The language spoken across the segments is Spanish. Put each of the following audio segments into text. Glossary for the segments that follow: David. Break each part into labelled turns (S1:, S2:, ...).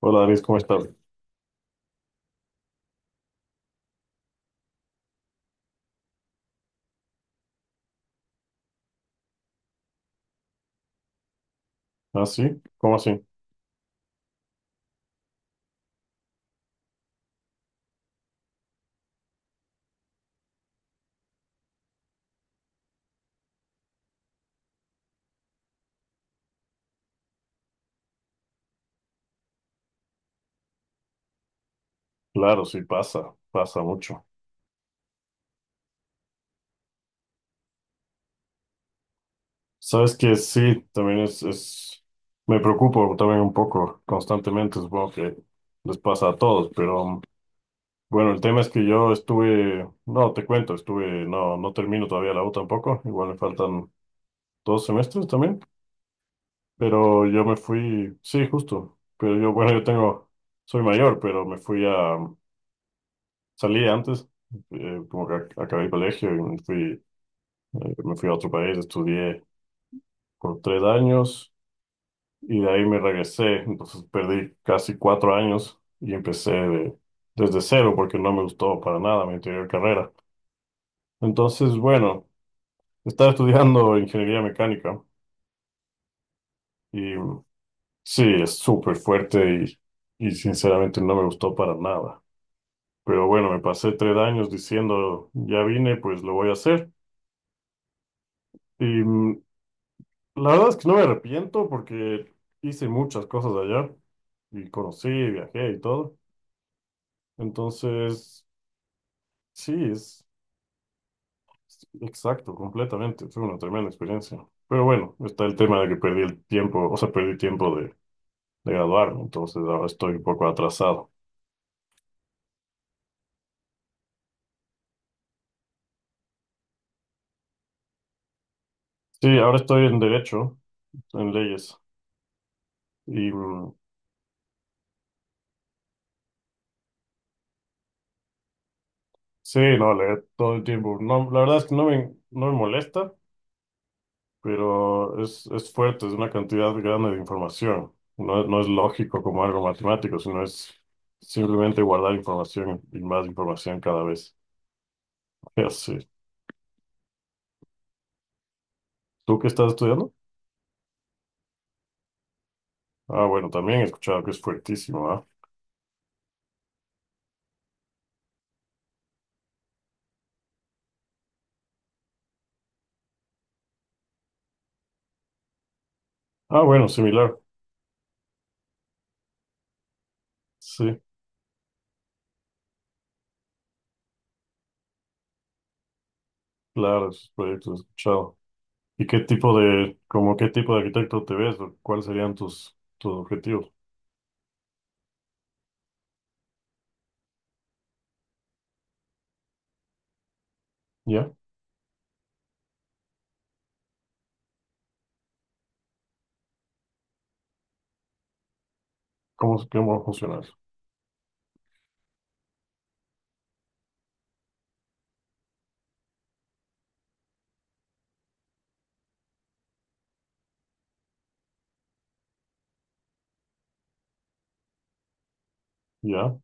S1: Hola, David, ¿cómo estás? ¿Ah, sí? ¿Cómo así? Claro, sí, pasa, pasa mucho. Sabes que sí, también es, me preocupo también un poco constantemente, supongo que les pasa a todos, pero bueno, el tema es que yo estuve, no, te cuento, estuve, no, no termino todavía la U tampoco, igual me faltan 2 semestres también, pero yo me fui, sí, justo, pero yo, bueno, yo tengo, soy mayor, pero me fui a, salí antes, como que acabé el colegio y me fui. Me fui a otro país, estudié por 3 años y de ahí me regresé. Entonces perdí casi 4 años y empecé desde cero porque no me gustó para nada mi anterior carrera. Entonces, bueno, estaba estudiando ingeniería mecánica y sí, es súper fuerte y sinceramente no me gustó para nada. Pero bueno, me pasé 3 años diciendo, ya vine, pues lo voy a hacer. Y mm, La verdad es que no me arrepiento porque hice muchas cosas allá y conocí, viajé y todo. Entonces, sí, es exacto, completamente. Fue una tremenda experiencia. Pero bueno, está el tema de que perdí el tiempo, o sea, perdí tiempo de graduarme, entonces ahora estoy un poco atrasado. Sí, ahora estoy en derecho, en leyes. Y mm, sí, no, leer todo el tiempo. No, la verdad es que no me molesta. Pero es fuerte, es una cantidad grande de información. No, no es lógico como algo matemático, sino es simplemente guardar información y más información cada vez. Ya sé. ¿Tú qué estás estudiando? Ah, bueno, también he escuchado que es fuertísimo, ¿ah? Ah, bueno, similar. Sí, claro, esos proyectos he escuchado. ¿Y qué tipo de, como qué tipo de arquitecto te ves? ¿O cuáles serían tus objetivos? ¿Ya? ¿Cómo, cómo funciona eso? Ya,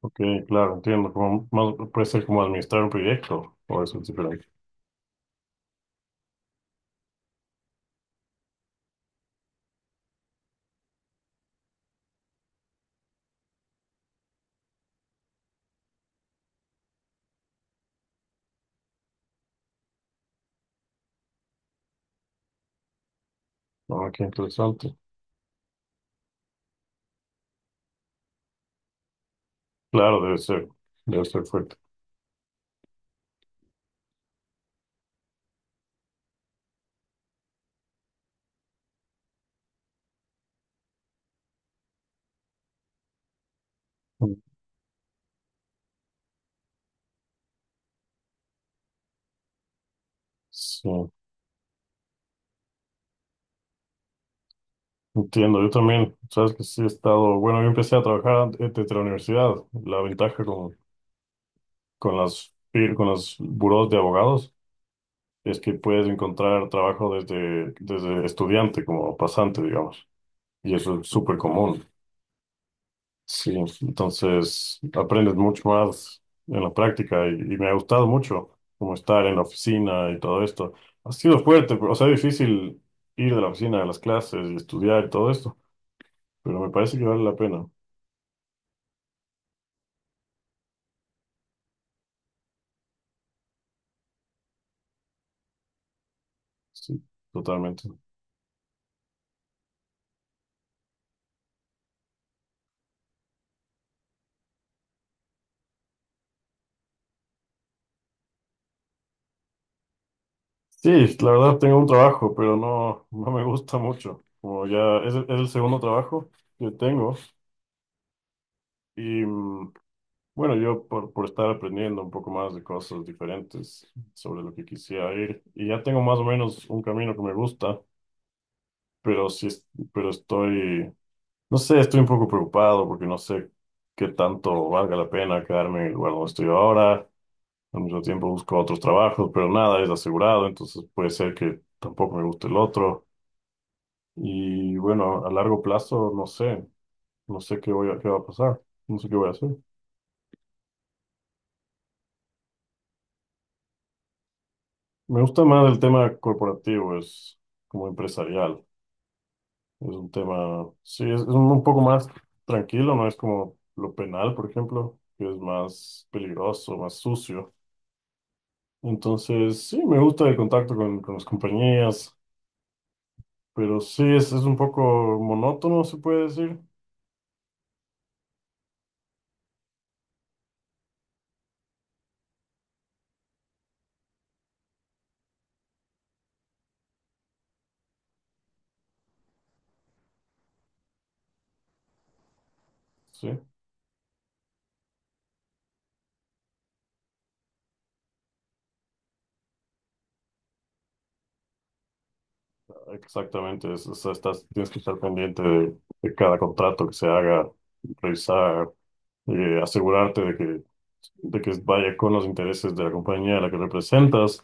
S1: ok, claro, entiendo. Como, más, puede ser como administrar un proyecto, o eso es diferente. Ah, qué interesante. Claro, debe ser fuerte. Sí, entiendo. Yo también, sabes que sí he estado, bueno, yo empecé a trabajar desde la universidad. La ventaja con las, con los burós de abogados es que puedes encontrar trabajo desde estudiante, como pasante, digamos. Y eso es súper común. Sí, entonces aprendes mucho más en la práctica y me ha gustado mucho como estar en la oficina y todo esto. Ha sido fuerte, pero, o sea, difícil ir de la oficina a las clases y estudiar y todo esto, pero me parece que vale la pena. Sí, totalmente. Sí, la verdad tengo un trabajo, pero no me gusta mucho. Como ya es el segundo trabajo que tengo y mm, bueno, yo por estar aprendiendo un poco más de cosas diferentes sobre lo que quisiera ir, y ya tengo más o menos un camino que me gusta, pero sí, pero estoy, no sé, estoy un poco preocupado porque no sé qué tanto valga la pena quedarme en el lugar donde estoy ahora. Al mismo tiempo busco otros trabajos, pero nada es asegurado, entonces puede ser que tampoco me guste el otro. Y bueno, a largo plazo, no sé, no sé qué va a pasar, no sé qué voy a hacer. Me gusta más el tema corporativo, es como empresarial. Es un tema, sí, es un poco más tranquilo, no es como lo penal, por ejemplo, que es más peligroso, más sucio. Entonces, sí, me gusta el contacto con las compañías, pero sí, es un poco monótono, se puede decir. Sí, exactamente. Es- o sea, estás, tienes que estar pendiente de cada contrato que se haga, revisar, asegurarte de que vaya con los intereses de la compañía a la que representas,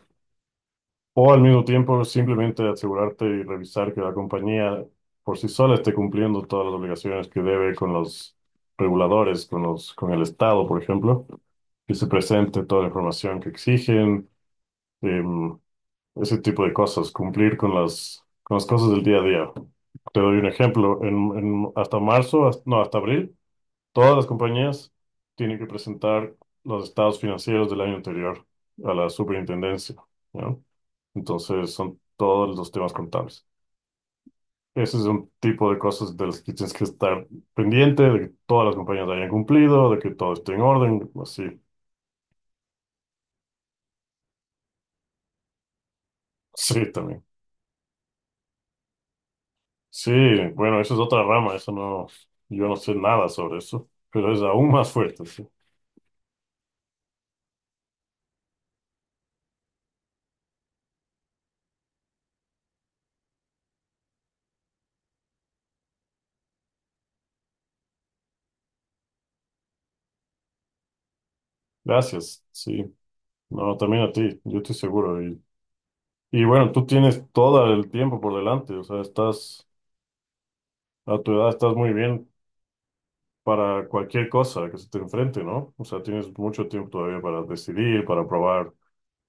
S1: o al mismo tiempo simplemente asegurarte y revisar que la compañía por sí sola esté cumpliendo todas las obligaciones que debe con los reguladores, con el Estado, por ejemplo, que se presente toda la información que exigen, em, ese tipo de cosas, cumplir con con las cosas del día a día. Te doy un ejemplo, hasta marzo, no, hasta abril. Todas las compañías tienen que presentar los estados financieros del año anterior a la superintendencia, ¿no? Entonces, son todos los temas contables. Ese es un tipo de cosas de las que tienes que estar pendiente, de que todas las compañías hayan cumplido, de que todo esté en orden, así. Sí, también. Sí, bueno, eso es otra rama, eso no, yo no sé nada sobre eso, pero es aún más fuerte, sí. Gracias, sí. No, también a ti, yo estoy seguro. Y bueno, tú tienes todo el tiempo por delante, o sea, estás a tu edad, estás muy bien para cualquier cosa que se te enfrente, ¿no? O sea, tienes mucho tiempo todavía para decidir, para probar,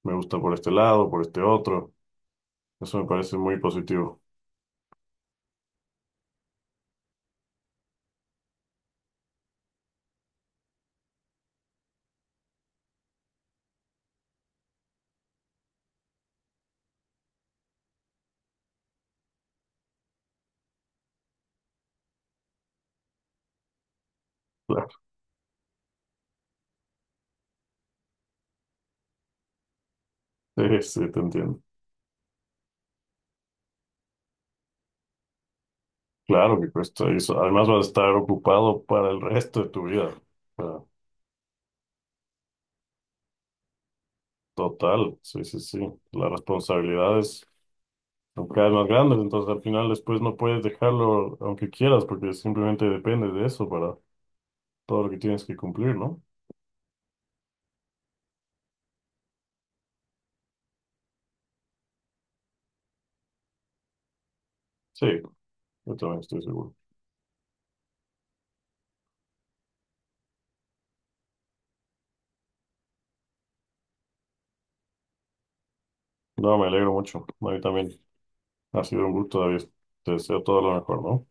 S1: me gusta por este lado, por este otro. Eso me parece muy positivo. Claro, sí, sí, te entiendo. Claro que cuesta eso. Además, vas a estar ocupado para el resto de tu vida. O sea, total, sí, sí, sí. Las responsabilidades son cada vez más grandes, entonces al final después no puedes dejarlo aunque quieras, porque simplemente depende de eso para todo lo que tienes que cumplir, ¿no? Sí, yo también estoy seguro. No, me alegro mucho. A mí también ha sido un gusto, David. Te deseo todo lo mejor, ¿no?